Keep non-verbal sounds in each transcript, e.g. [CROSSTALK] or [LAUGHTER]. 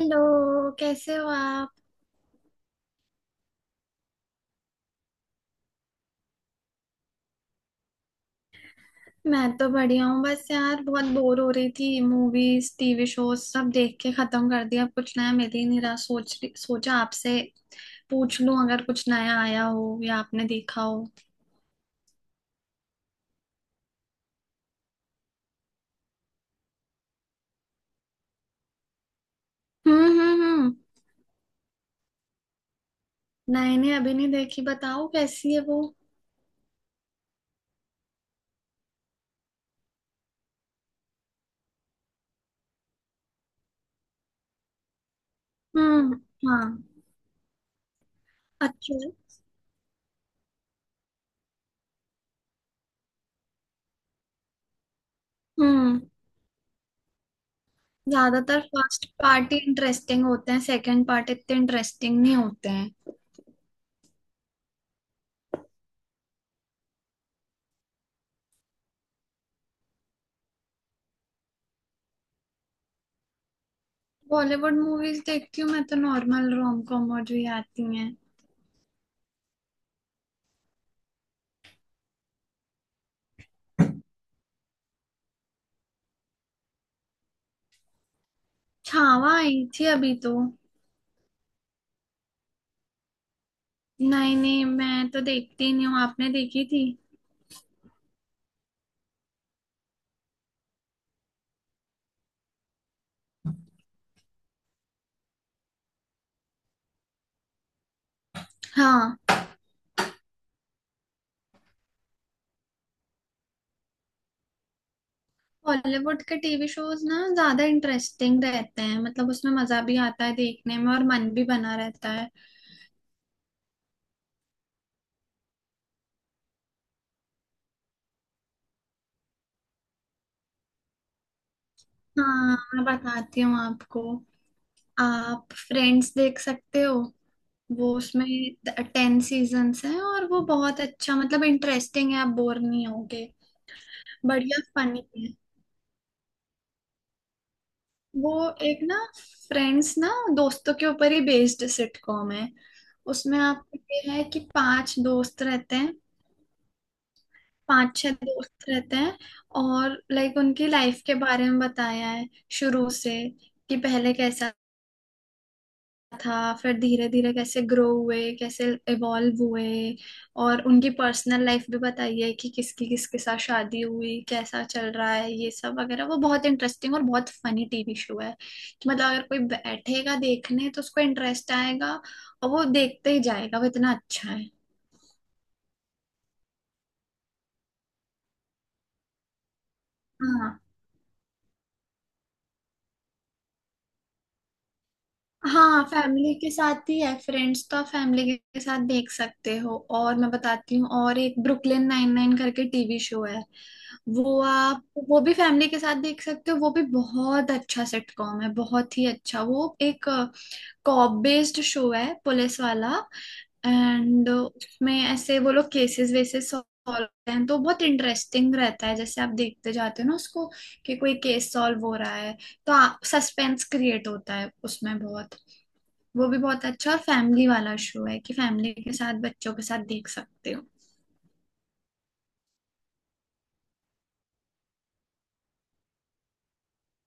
Hello. कैसे हो आप। मैं तो बढ़िया हूँ। बस यार बहुत बोर हो रही थी। मूवीज टीवी शोज सब देख के खत्म कर दिया। अब कुछ नया मिल ही नहीं रहा। सोचा आपसे पूछ लूं अगर कुछ नया आया हो या आपने देखा हो। हम्म। नहीं नहीं अभी नहीं देखी। बताओ कैसी है वो। हम्म। हाँ। अच्छा है। हम्म। ज्यादातर फर्स्ट पार्ट ही इंटरेस्टिंग होते हैं। सेकंड पार्ट इतने इंटरेस्टिंग नहीं होते हैं। बॉलीवुड मूवीज देखती हूँ मैं तो। नॉर्मल रोम कॉम और जो ये आती हैं। छावा आई थी अभी तो। नहीं नहीं मैं तो देखती ही नहीं हूँ। आपने देखी थी। हाँ। बॉलीवुड के टीवी शोज ना ज्यादा इंटरेस्टिंग रहते हैं। मतलब उसमें मजा भी आता है देखने में और मन भी बना रहता है। हाँ मैं बताती हूँ आपको। आप फ्रेंड्स देख सकते हो। वो उसमें 10 सीजन्स हैं और वो बहुत अच्छा मतलब इंटरेस्टिंग है। आप बोर नहीं होगे। बढ़िया फनी है वो। एक ना फ्रेंड्स ना दोस्तों के ऊपर ही बेस्ड सिटकॉम है। उसमें आपको ये है कि पांच दोस्त रहते हैं। पांच छह दोस्त रहते हैं और लाइक उनकी लाइफ के बारे में बताया है शुरू से। कि पहले कैसा था फिर धीरे धीरे कैसे ग्रो हुए कैसे इवॉल्व हुए। और उनकी पर्सनल लाइफ भी बताइए कि किसकी किसके साथ शादी हुई कैसा चल रहा है ये सब वगैरह। वो बहुत इंटरेस्टिंग और बहुत फनी टीवी शो है। कि मतलब अगर कोई बैठेगा देखने तो उसको इंटरेस्ट आएगा और वो देखते ही जाएगा वो इतना अच्छा है। हाँ। हाँ फैमिली के साथ ही है। फ्रेंड्स तो आप फैमिली के साथ देख सकते हो। और मैं बताती हूँ और एक ब्रुकलिन नाइन नाइन करके टीवी शो है। वो आप वो भी फैमिली के साथ देख सकते हो। वो भी बहुत अच्छा सिटकॉम है बहुत ही अच्छा। वो एक कॉप बेस्ड शो है पुलिस वाला। एंड उसमें ऐसे वो लोग केसेस वेसेस सॉल्व करते हैं। तो बहुत इंटरेस्टिंग रहता है जैसे आप देखते जाते हो ना उसको। कि कोई केस सॉल्व हो रहा है तो सस्पेंस क्रिएट होता है उसमें बहुत। वो भी बहुत अच्छा और फैमिली वाला शो है कि फैमिली के साथ बच्चों के साथ देख सकते हो।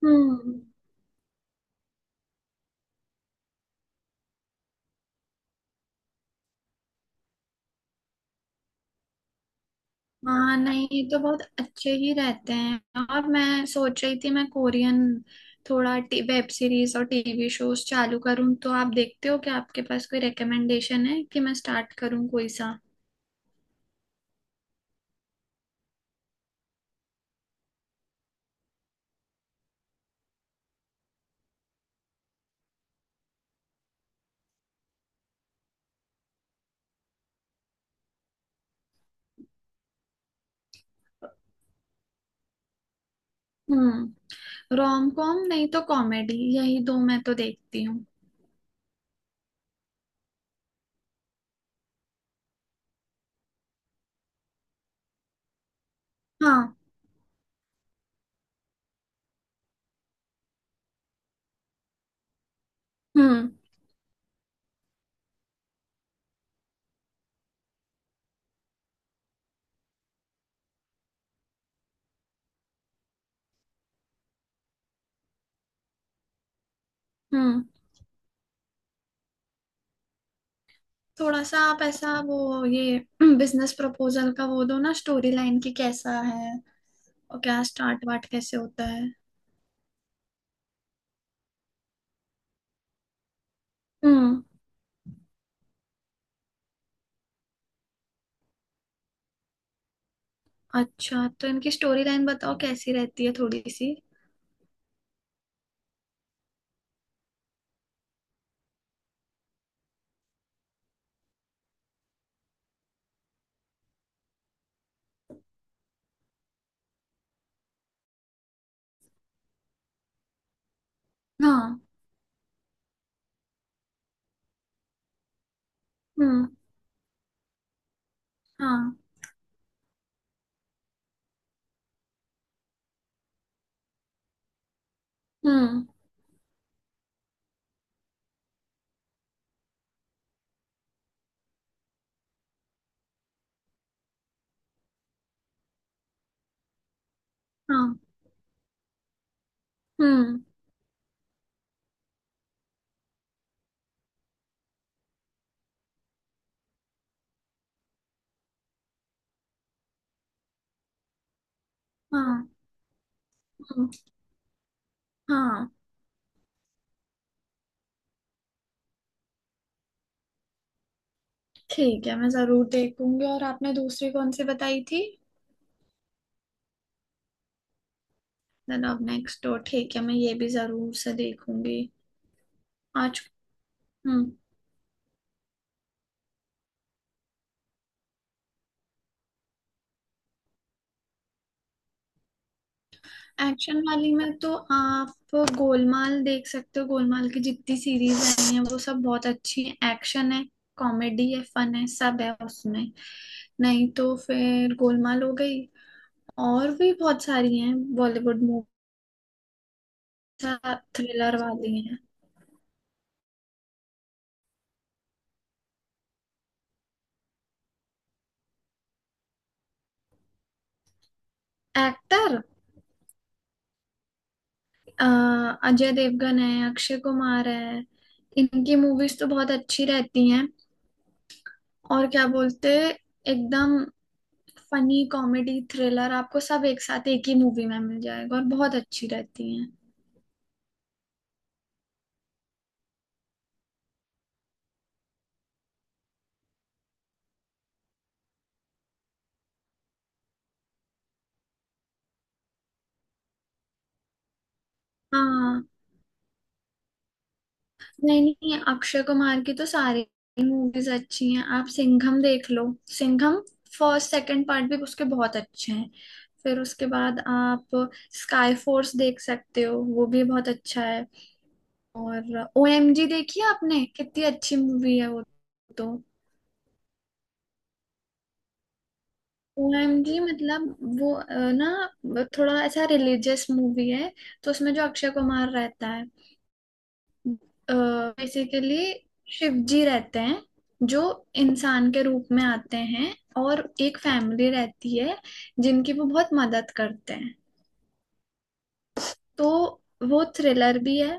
हम्म। हाँ नहीं ये तो बहुत अच्छे ही रहते हैं। और मैं सोच रही थी मैं कोरियन थोड़ा वेब सीरीज और टीवी शोज चालू करूँ। तो आप देखते हो क्या। आपके पास कोई रिकमेंडेशन है कि मैं स्टार्ट करूँ कोई सा। हम्म। रोम कॉम नहीं तो कॉमेडी यही दो मैं तो देखती हूँ। हाँ। हम्म। हम्म। थोड़ा सा आप ऐसा वो ये [CLEARS THROAT] बिजनेस प्रपोजल का वो दो ना स्टोरी लाइन की कैसा है और क्या स्टार्ट वाट कैसे होता है। हम्म। अच्छा तो इनकी स्टोरी लाइन बताओ कैसी रहती है थोड़ी सी। हाँ। हम्म। हाँ। हम्म। हाँ। हम्म। हाँ। हम्म। हाँ। ठीक है मैं जरूर देखूंगी। और आपने दूसरी कौन सी बताई थी। The love next door. ठीक है मैं ये भी जरूर से देखूंगी। आज। हम्म। एक्शन वाली में तो आप गोलमाल देख सकते हो। गोलमाल की जितनी सीरीज आई है वो सब बहुत अच्छी है। एक्शन है कॉमेडी है फन है सब है उसमें। नहीं तो फिर गोलमाल हो गई और भी बहुत सारी हैं बॉलीवुड मूवी थ्रिलर वाली हैं। एक्टर अजय देवगन है अक्षय कुमार है। इनकी मूवीज तो बहुत अच्छी रहती हैं। और क्या बोलते एकदम फनी कॉमेडी थ्रिलर आपको सब एक साथ एक ही मूवी में मिल जाएगा और बहुत अच्छी रहती हैं। हाँ। नहीं नहीं अक्षय कुमार की तो सारी मूवीज अच्छी हैं। आप सिंघम देख लो। सिंघम फर्स्ट सेकंड पार्ट भी उसके बहुत अच्छे हैं। फिर उसके बाद आप स्काई फोर्स देख सकते हो। वो भी बहुत अच्छा है। और ओएमजी देखी है आपने। कितनी अच्छी मूवी है वो। तो ओएमजी मतलब वो ना वो थोड़ा ऐसा रिलीजियस मूवी है। तो उसमें जो अक्षय कुमार रहता है बेसिकली शिव जी रहते हैं जो इंसान के रूप में आते हैं। और एक फैमिली रहती है जिनकी वो बहुत मदद करते हैं। तो वो थ्रिलर भी है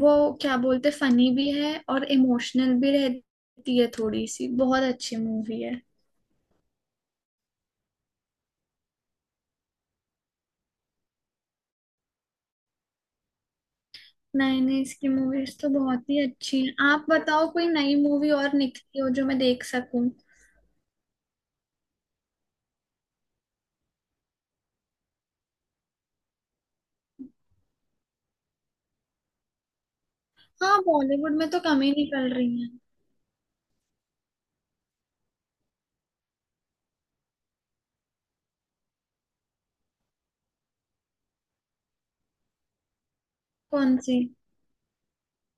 वो क्या बोलते फनी भी है और इमोशनल भी रहती है थोड़ी सी। बहुत अच्छी मूवी है। नई नई इसकी मूवीज तो बहुत ही अच्छी हैं। आप बताओ कोई नई मूवी और निकली हो जो मैं देख सकूं। हाँ बॉलीवुड में तो कम ही निकल रही है। कौन सी।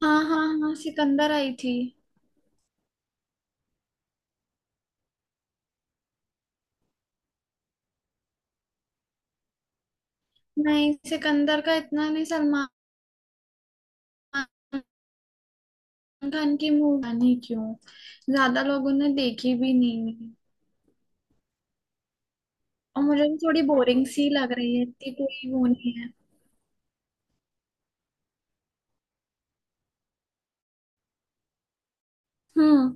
हाँ हाँ हाँ सिकंदर आई थी। नहीं सिकंदर का इतना नहीं सलमान खान की मूवी नहीं क्यों ज्यादा लोगों ने देखी भी नहीं है। और मुझे भी थोड़ी बोरिंग सी लग रही है इतनी कोई वो नहीं है। हम्म।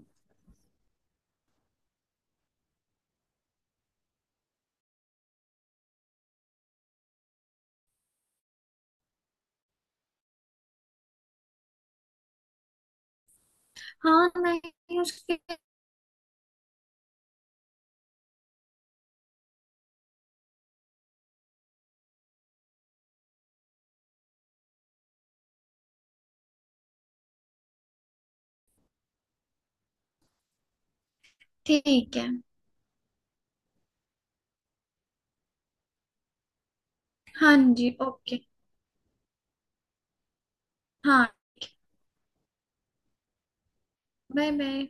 हाँ नहीं उसके। ठीक है। हाँ जी ओके। हाँ। Bye bye.